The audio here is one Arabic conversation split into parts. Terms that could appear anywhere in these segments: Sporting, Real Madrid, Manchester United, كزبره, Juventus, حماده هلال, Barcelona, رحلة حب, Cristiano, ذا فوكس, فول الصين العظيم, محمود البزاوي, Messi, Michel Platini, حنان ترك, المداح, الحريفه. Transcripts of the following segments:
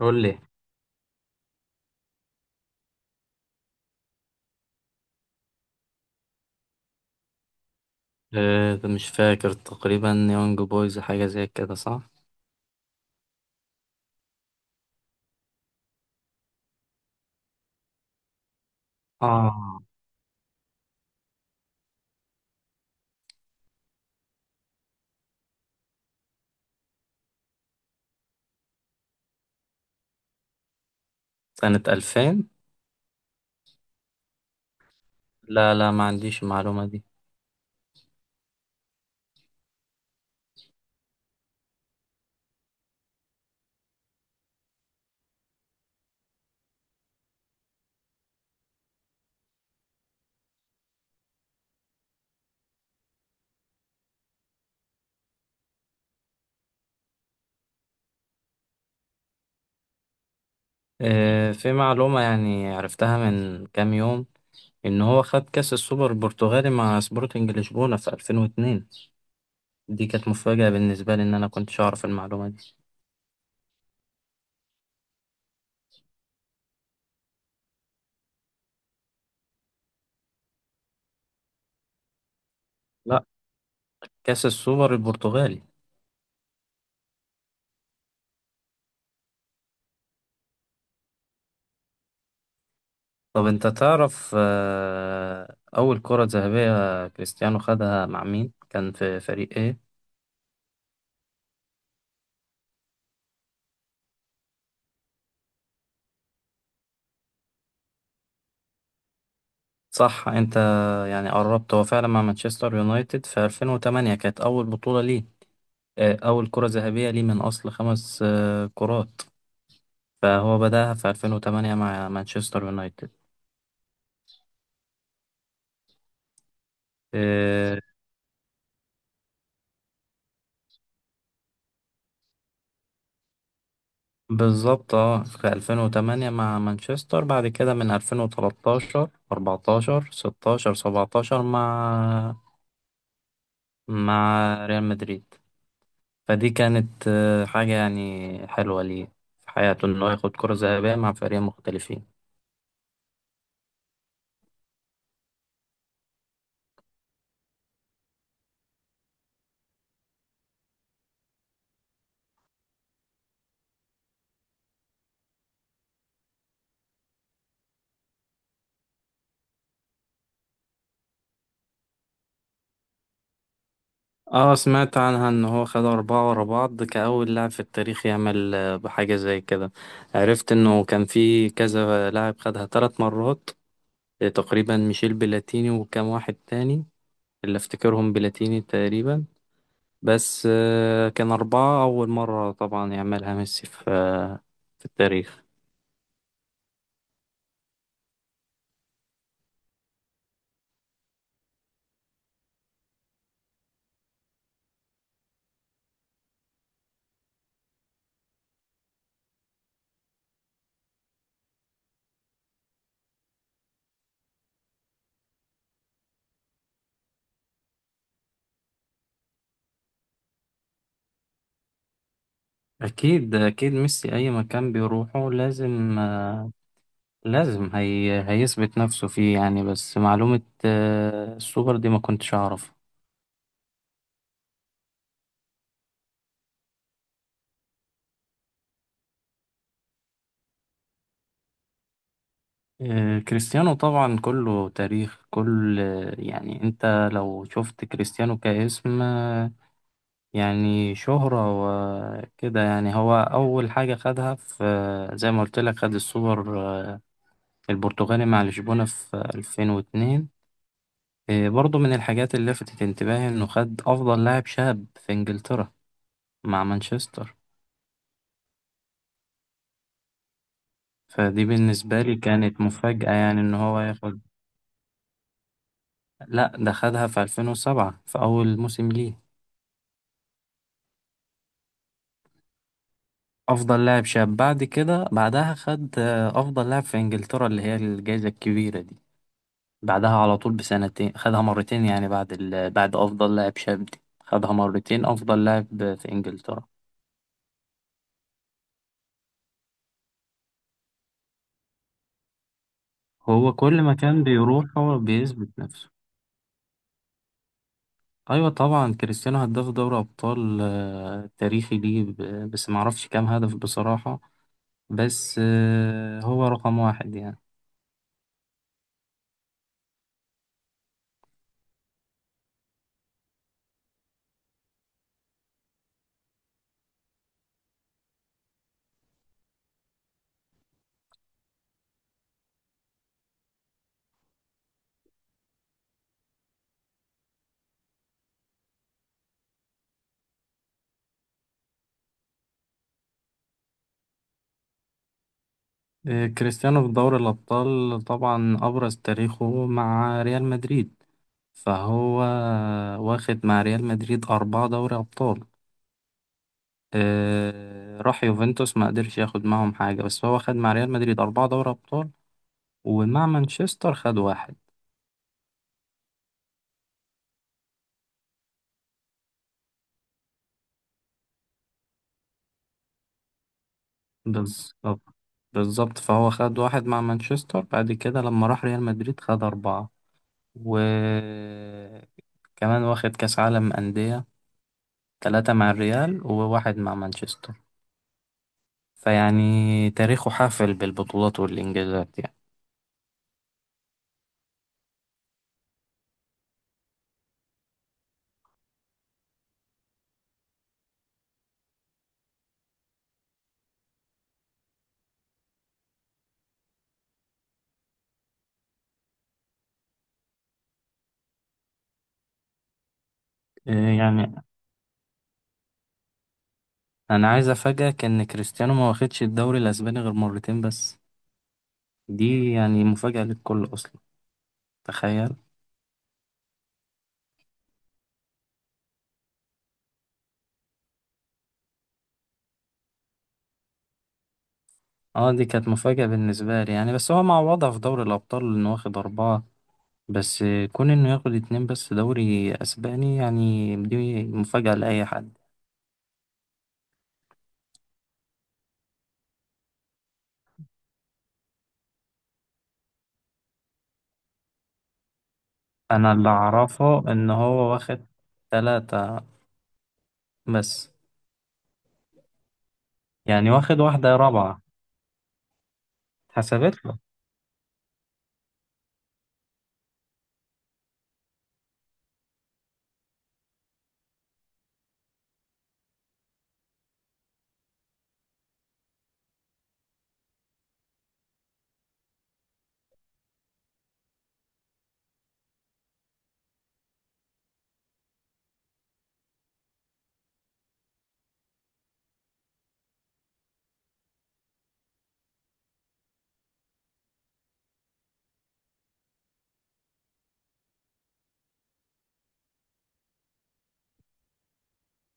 قول لي. مش فاكر تقريبا يونج بويز حاجة زي كده صح؟ اه سنة 2000. لا، لا، ما عنديش المعلومة دي. في معلومة يعني عرفتها من كام يوم، إن هو خد كأس السوبر البرتغالي مع سبورتنج لشبونة في 2002. دي كانت مفاجأة بالنسبة لي، إن أنا كنتش أعرف المعلومة دي. لا، كأس السوبر البرتغالي. طب أنت تعرف، أول كرة ذهبية كريستيانو خدها مع مين؟ كان في فريق إيه؟ صح، انت يعني قربت. هو فعلا مع مانشستر يونايتد في 2008 كانت اول بطولة ليه، اول كرة ذهبية ليه من اصل خمس كرات، فهو بدأها في 2008 مع مانشستر يونايتد. آه، بالظبط. اه في 2008 مع مانشستر، بعد كده من 2013، 14، 16، 17 مع ريال مدريد. فدي كانت حاجة يعني حلوة ليه في حياته، انه ياخد كرة ذهبية مع فريقين مختلفين. اه سمعت عنها ان هو خد اربعة ورا بعض كأول لاعب في التاريخ يعمل بحاجة زي كده. عرفت انه كان في كذا لاعب خدها ثلاث مرات، تقريبا ميشيل بلاتيني وكام واحد تاني، اللي افتكرهم بلاتيني تقريبا. بس كان اربعة اول مرة طبعا يعملها ميسي في في التاريخ. اكيد اكيد ميسي اي مكان بيروحه لازم لازم هي هيثبت نفسه فيه، يعني بس معلومة السوبر دي ما كنتش اعرف. كريستيانو طبعا كله تاريخ، كل يعني انت لو شفت كريستيانو كاسم، يعني شهرة وكده. يعني هو أول حاجة خدها في زي ما قلت لك، خد السوبر البرتغالي مع لشبونة في 2002. برضو من الحاجات اللي لفتت انتباهي إنه خد أفضل لاعب شاب في إنجلترا مع مانشستر. فدي بالنسبة لي كانت مفاجأة، يعني إن هو ياخد. لأ، ده خدها في 2007 في أول موسم ليه، افضل لاعب شاب. بعد كده بعدها خد افضل لاعب في انجلترا، اللي هي الجائزة الكبيرة دي. بعدها على طول بسنتين خدها مرتين، يعني بعد افضل لاعب شاب دي خدها مرتين افضل لاعب في انجلترا. هو كل مكان بيروح هو بيثبت نفسه. ايوه طبعا، كريستيانو هداف دوري ابطال، تاريخي ليه، بس ما اعرفش كام هدف بصراحة. بس هو رقم واحد يعني. كريستيانو في دوري الابطال طبعا ابرز تاريخه مع ريال مدريد. فهو واخد مع ريال مدريد أربعة دوري أبطال. راح يوفنتوس، ما قدرش ياخد معهم حاجة، بس هو خد مع ريال مدريد أربعة دوري أبطال ومع مانشستر خد واحد. بالظبط، بالظبط. فهو خد واحد مع مانشستر. بعد كده لما راح ريال مدريد خد أربعة، وكمان واخد كأس عالم أندية ثلاثة مع الريال وواحد مع مانشستر. فيعني تاريخه حافل بالبطولات والإنجازات يعني. آه، يعني انا عايز افاجئك ان كريستيانو ما واخدش الدوري الاسباني غير مرتين بس. دي يعني مفاجأة للكل اصلا، تخيل. اه، دي كانت مفاجأة بالنسبة لي يعني، بس هو معوضها في دوري الابطال انه واخد اربعة بس. كون انه ياخد اتنين بس دوري اسباني، يعني دي مفاجأة لاي حد. انا اللي اعرفه ان هو واخد تلاتة بس. يعني واخد واحدة رابعة اتحسبت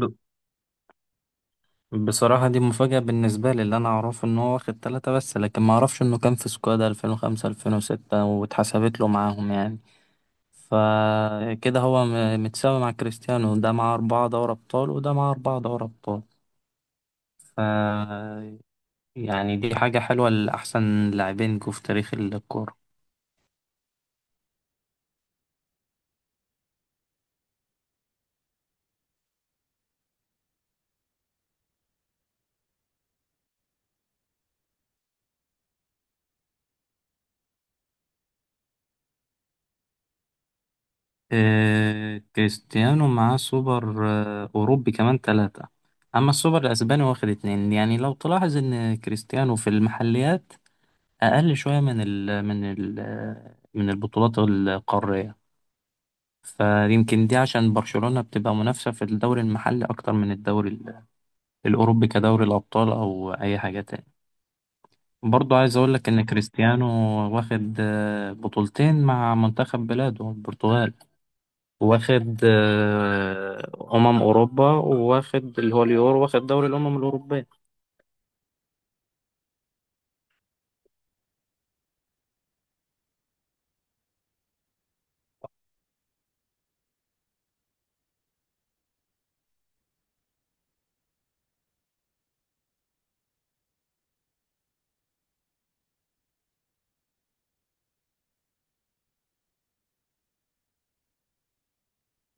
له. بصراحة دي مفاجأة بالنسبة لي، اللي أنا أعرفه إن هو واخد تلاتة بس، لكن ما أعرفش إنه كان في سكواد 2005، 2006 واتحسبت له معاهم يعني. فكده هو متساوي مع كريستيانو، ده معاه أربعة دوري أبطال وده معاه أربعة دوري أبطال. ف يعني دي حاجة حلوة لأحسن لاعبين جو في تاريخ الكورة. إيه، كريستيانو معاه سوبر أوروبي كمان تلاتة. أما السوبر الأسباني واخد اتنين. يعني لو تلاحظ إن كريستيانو في المحليات أقل شوية من البطولات القارية. فيمكن دي عشان برشلونة بتبقى منافسة في الدوري المحلي أكتر من الدوري الأوروبي كدوري الأبطال أو أي حاجة تاني. برضو عايز أقول لك إن كريستيانو واخد بطولتين مع منتخب بلاده البرتغال. واخد أمم أوروبا، وواخد اللي هو اليورو، واخد دوري الأمم الأوروبية.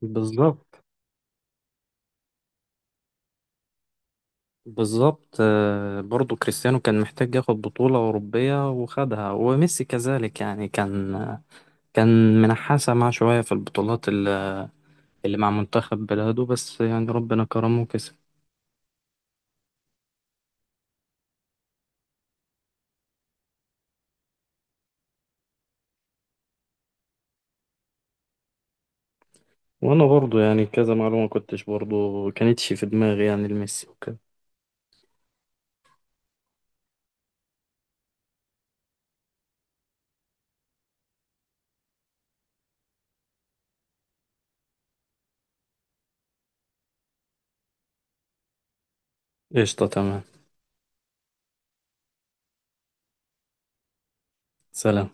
بالظبط، بالظبط. برضو كريستيانو كان محتاج ياخد بطولة أوروبية وخدها، وميسي كذلك يعني. كان منحاسة مع شوية في البطولات اللي مع منتخب بلاده، بس يعني ربنا كرمه وكسب. وأنا برضو يعني كذا معلومة كنتش برضو كانتش في دماغي يعني لميسي وكده. قشطة، تمام. سلام.